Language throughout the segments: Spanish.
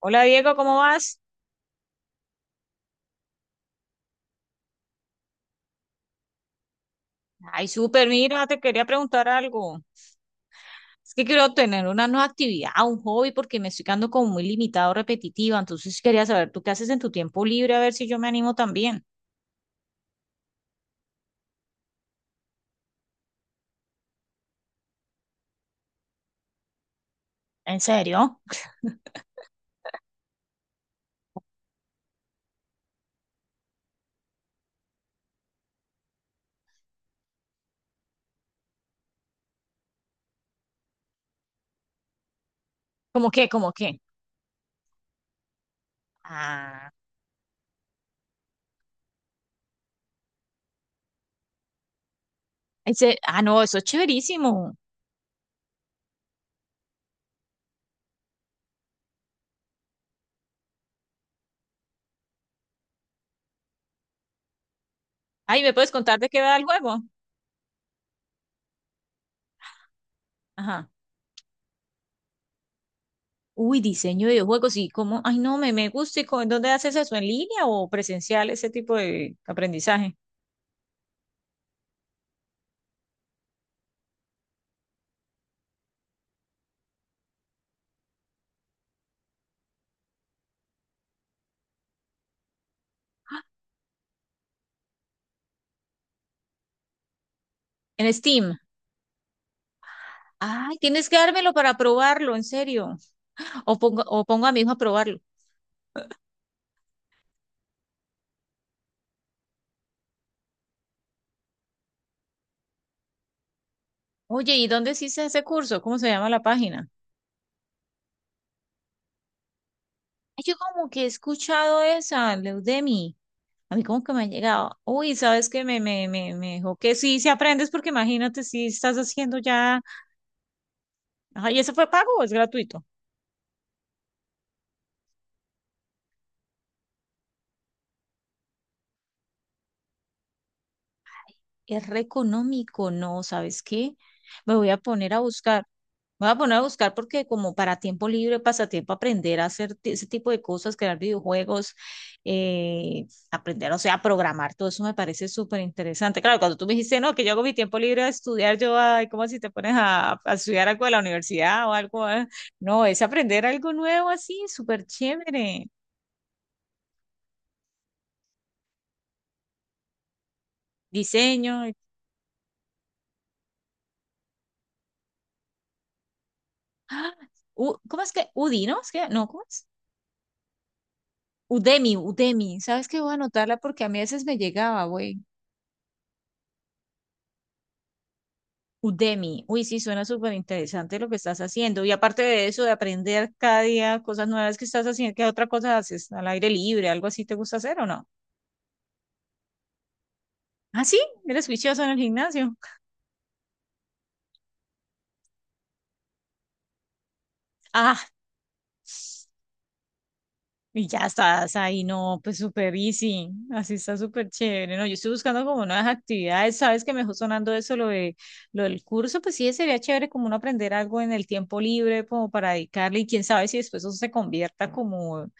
Hola Diego, ¿cómo vas? Ay, súper, mira, te quería preguntar algo. Es que quiero tener una nueva actividad, un hobby, porque me estoy quedando como muy limitado, repetitiva. Entonces quería saber, ¿tú qué haces en tu tiempo libre? A ver si yo me animo también. ¿En serio? ¿Cómo qué? ¿Cómo qué? Ah, no, eso es chéverísimo. Ay, ¿me puedes contar de qué va el juego? Ajá. Uy, diseño de videojuegos, ¿y cómo? Ay, no, me gusta. ¿Y cómo- en dónde haces eso? ¿En línea o presencial ese tipo de aprendizaje? En Steam. Ay, tienes que dármelo para probarlo, en serio. O pongo a mi hijo a probarlo. Oye, ¿y dónde hiciste ese curso? ¿Cómo se llama la página? Ay, yo como que he escuchado esa, Leudemi. A mí como que me ha llegado. Uy, ¿sabes qué? Me dijo que sí, si aprendes, porque imagínate si estás haciendo ya. Ay, ¿eso fue pago o es gratuito? Es re económico, ¿no? ¿Sabes qué? Me voy a poner a buscar. Voy a poner a buscar porque como para tiempo libre, pasatiempo, aprender a hacer ese tipo de cosas, crear videojuegos, eh, aprender, o sea, a programar, todo eso me parece súper interesante. Claro, cuando tú me dijiste, no, que yo hago mi tiempo libre a estudiar, yo, ay, ¿cómo si te pones a estudiar algo de la universidad o algo, eh? No, es aprender algo nuevo así, súper chévere. Diseño. ¡Ah! ¿Cómo es que? Udino, ¿no? ¿Es que? No, ¿cómo es? Udemy, Udemy. ¿Sabes qué? Voy a anotarla porque a mí a veces me llegaba, güey. Udemy. Uy, sí, suena súper interesante lo que estás haciendo. Y aparte de eso, de aprender cada día cosas nuevas que estás haciendo, ¿qué otra cosa haces? ¿Al aire libre? ¿Algo así te gusta hacer o no? Ah, sí, eres juicioso en el gimnasio. Ah, y ya estás ahí, no, pues súper easy. Así está súper chévere. No, yo estoy buscando como nuevas actividades. Sabes que me dejó sonando lo del curso, pues sí, sería chévere como uno aprender algo en el tiempo libre, como para dedicarle, y quién sabe si después eso se convierta como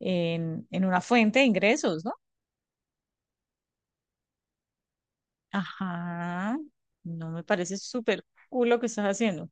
en una fuente de ingresos, ¿no? Ajá, no me parece súper cool lo que estás haciendo.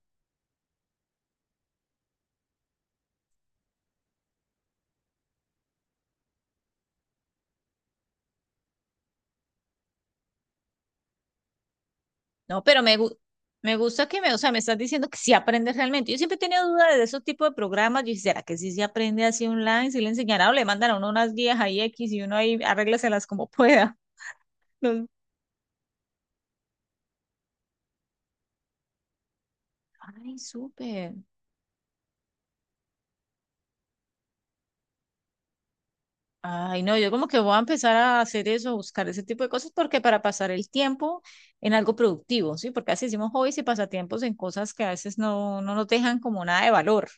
No, pero me gusta que me, o sea, me estás diciendo que sí aprendes realmente. Yo siempre he tenido dudas de esos tipos de programas. Yo dije, ¿será que sí se aprende así online? ¿Si le enseñará o le mandan a uno unas guías ahí X y uno ahí arréglaselas como pueda? No. Ay, súper. Ay, no, yo como que voy a empezar a hacer eso, buscar ese tipo de cosas, porque para pasar el tiempo en algo productivo, ¿sí? Porque así hicimos hobbies y pasatiempos en cosas que a veces no nos dejan como nada de valor.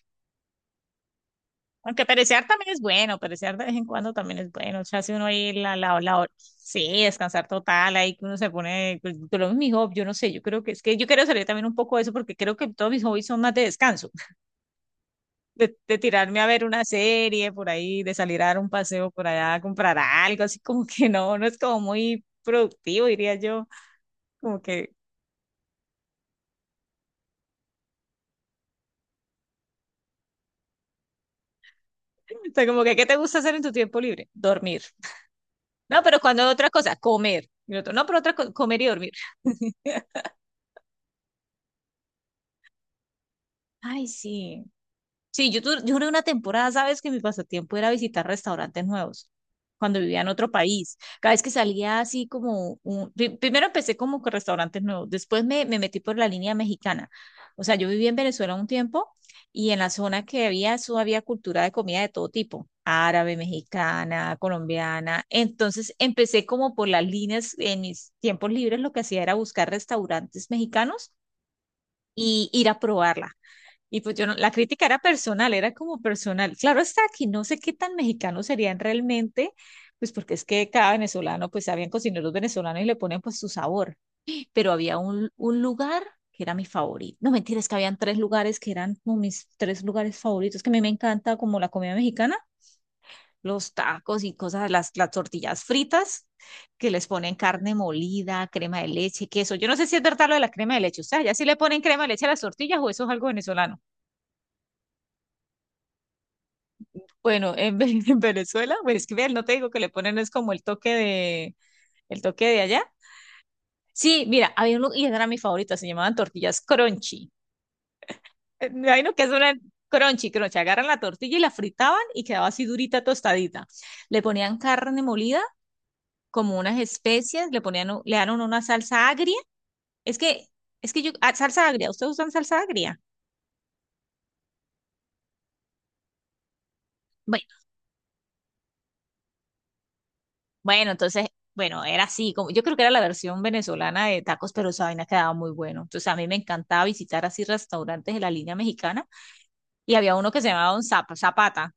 Aunque perecear también es bueno, perecear de vez en cuando también es bueno. O sea, si uno ahí la, sí, descansar total, ahí que uno se pone, pues, por lo menos mi hobby, yo no sé, yo creo que es que yo quiero salir también un poco de eso porque creo que todos mis hobbies son más de descanso, de tirarme a ver una serie por ahí, de salir a dar un paseo por allá, a comprar algo, así como que no, no es como muy productivo, diría yo, como que, o sea, como que, ¿qué te gusta hacer en tu tiempo libre? Dormir. No, pero cuando otra cosa, comer. Y otro, no, pero otra cosa, comer y dormir. Ay, sí. Sí, yo duré una temporada, ¿sabes? Que mi pasatiempo era visitar restaurantes nuevos cuando vivía en otro país. Cada vez que salía así como un... Primero empecé como con restaurantes nuevos, después me metí por la línea mexicana. O sea, yo viví en Venezuela un tiempo y en la zona que había, eso había cultura de comida de todo tipo, árabe, mexicana, colombiana. Entonces empecé como por las líneas, en mis tiempos libres lo que hacía era buscar restaurantes mexicanos y ir a probarla, y pues yo no, la crítica era personal, era como personal. Claro está aquí, no sé qué tan mexicanos serían realmente, pues porque es que cada venezolano, pues habían cocineros venezolanos y le ponen pues su sabor. Pero había un lugar que era mi favorito. No mentira, es que habían tres lugares que eran como mis tres lugares favoritos, que a mí me encanta como la comida mexicana, los tacos y cosas, las tortillas fritas, que les ponen carne molida, crema de leche, queso. Yo no sé si es verdad lo de la crema de leche, o sea, ya sí le ponen crema de leche a las tortillas o eso es algo venezolano. Bueno, en Venezuela, pues es que ver, no te digo que le ponen es como el toque de allá. Sí, mira, había uno, y esa era mi favorita, se llamaban tortillas crunchy. Me imagino que es una crunchy, crunchy. Agarran la tortilla y la fritaban y quedaba así durita, tostadita. Le ponían carne molida, como unas especias, le ponían, le dan una salsa agria. Es que, es que yo, salsa agria, ¿ustedes usan salsa agria? Bueno, Bueno, entonces, bueno, era así, como, yo creo que era la versión venezolana de tacos, pero esa vaina quedaba muy bueno. Entonces, a mí me encantaba visitar así restaurantes de la línea mexicana y había uno que se llamaba un Zapata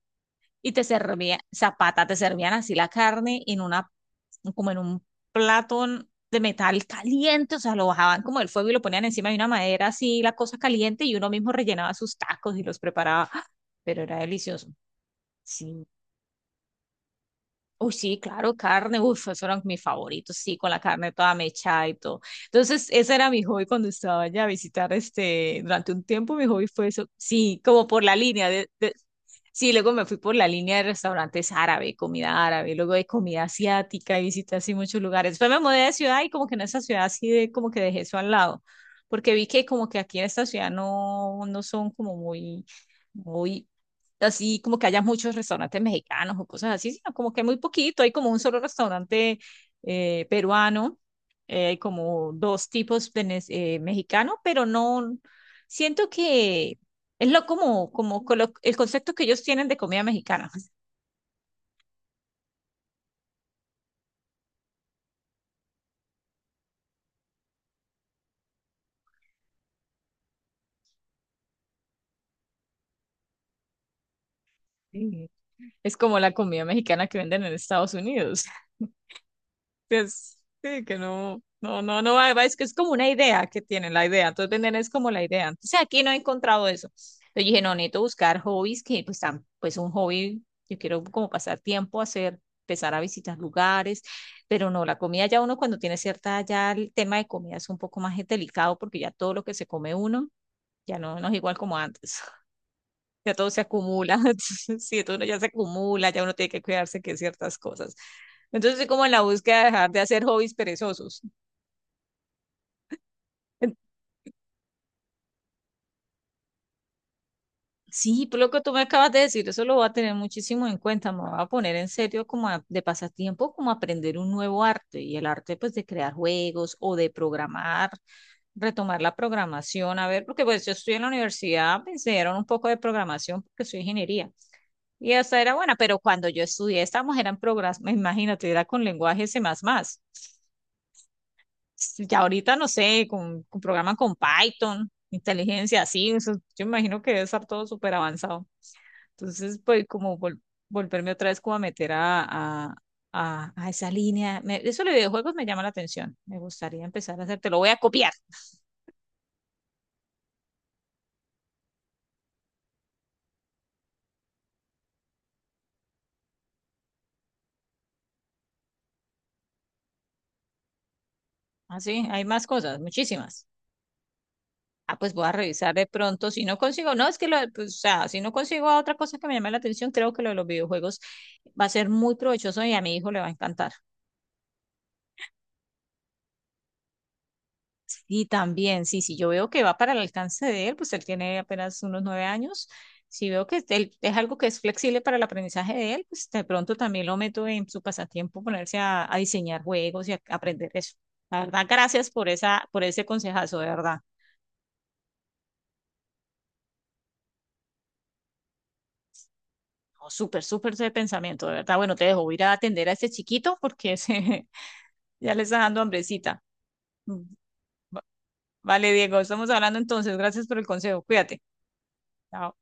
y te servía, Zapata, te servían así la carne en una, como en un plato de metal caliente, o sea, lo bajaban como del fuego y lo ponían encima de una madera así, la cosa caliente y uno mismo rellenaba sus tacos y los preparaba, ¡ah, pero era delicioso! Sí, uy, sí, claro, carne, uf, eso eran mis favoritos, sí, con la carne toda mechada y todo. Entonces, ese era mi hobby cuando estaba allá a visitar, este, durante un tiempo mi hobby fue eso, sí, como por la línea sí, luego me fui por la línea de restaurantes árabe, comida árabe, luego de comida asiática y visité así muchos lugares. Después me mudé de ciudad y como que en esa ciudad así de, como que dejé eso al lado, porque vi que como que aquí en esta ciudad no, no son como muy... Muy, así como que haya muchos restaurantes mexicanos o cosas así, sino como que muy poquito, hay como un solo restaurante peruano, hay como dos tipos mexicanos, pero no, siento que es lo como, como el concepto que ellos tienen de comida mexicana. Sí. Es como la comida mexicana que venden en Estados Unidos. Es, sí, que no, va, va, es que es como una idea que tienen, la idea, entonces venden es como la idea. Entonces aquí no he encontrado eso. Yo dije, no, necesito buscar hobbies que pues, tan, pues un hobby, yo quiero como pasar tiempo, hacer, empezar a visitar lugares, pero no, la comida ya uno cuando tiene cierta, ya el tema de comida es un poco más delicado porque ya todo lo que se come uno ya no, no es igual como antes, ya todo se acumula, entonces sí, todo ya se acumula, ya uno tiene que cuidarse que ciertas cosas. Entonces estoy como en la búsqueda de dejar de hacer hobbies perezosos. En- Sí, por lo que tú me acabas de decir, eso lo voy a tener muchísimo en cuenta, me voy a poner en serio como de pasatiempo, como aprender un nuevo arte y el arte pues de crear juegos o de programar, retomar la programación, a ver, porque pues yo estoy en la universidad, me enseñaron un poco de programación porque soy ingeniería. Y esa era buena, pero cuando yo estudié, estábamos, eran programas, imagínate, era con lenguaje C++. Ya ahorita no sé, con programas con Python, inteligencia, así, eso, yo imagino que debe estar todo súper avanzado. Entonces, pues como volverme otra vez como a meter a esa línea. Eso de videojuegos me llama la atención, me gustaría empezar a hacer, te lo voy a copiar. Así, hay más cosas, muchísimas. Ah, pues voy a revisar de pronto. Si no consigo, no, es que lo, pues, o sea, si no consigo otra cosa que me llame la atención, creo que lo de los videojuegos va a ser muy provechoso y a mi hijo le va a encantar. Y también, sí, sí, yo veo que va para el alcance de él, pues él tiene apenas unos 9 años. Si veo que él, es algo que es flexible para el aprendizaje de él, pues de pronto también lo meto en su pasatiempo, ponerse a diseñar juegos y a aprender eso. La verdad, gracias por esa, por ese consejazo, de verdad. No, súper, súper ese pensamiento, de verdad. Bueno, te dejo, voy a ir a atender a este chiquito porque se ya le está dando hambrecita. Mm, vale, Diego, estamos hablando entonces. Gracias por el consejo. Cuídate. Chao.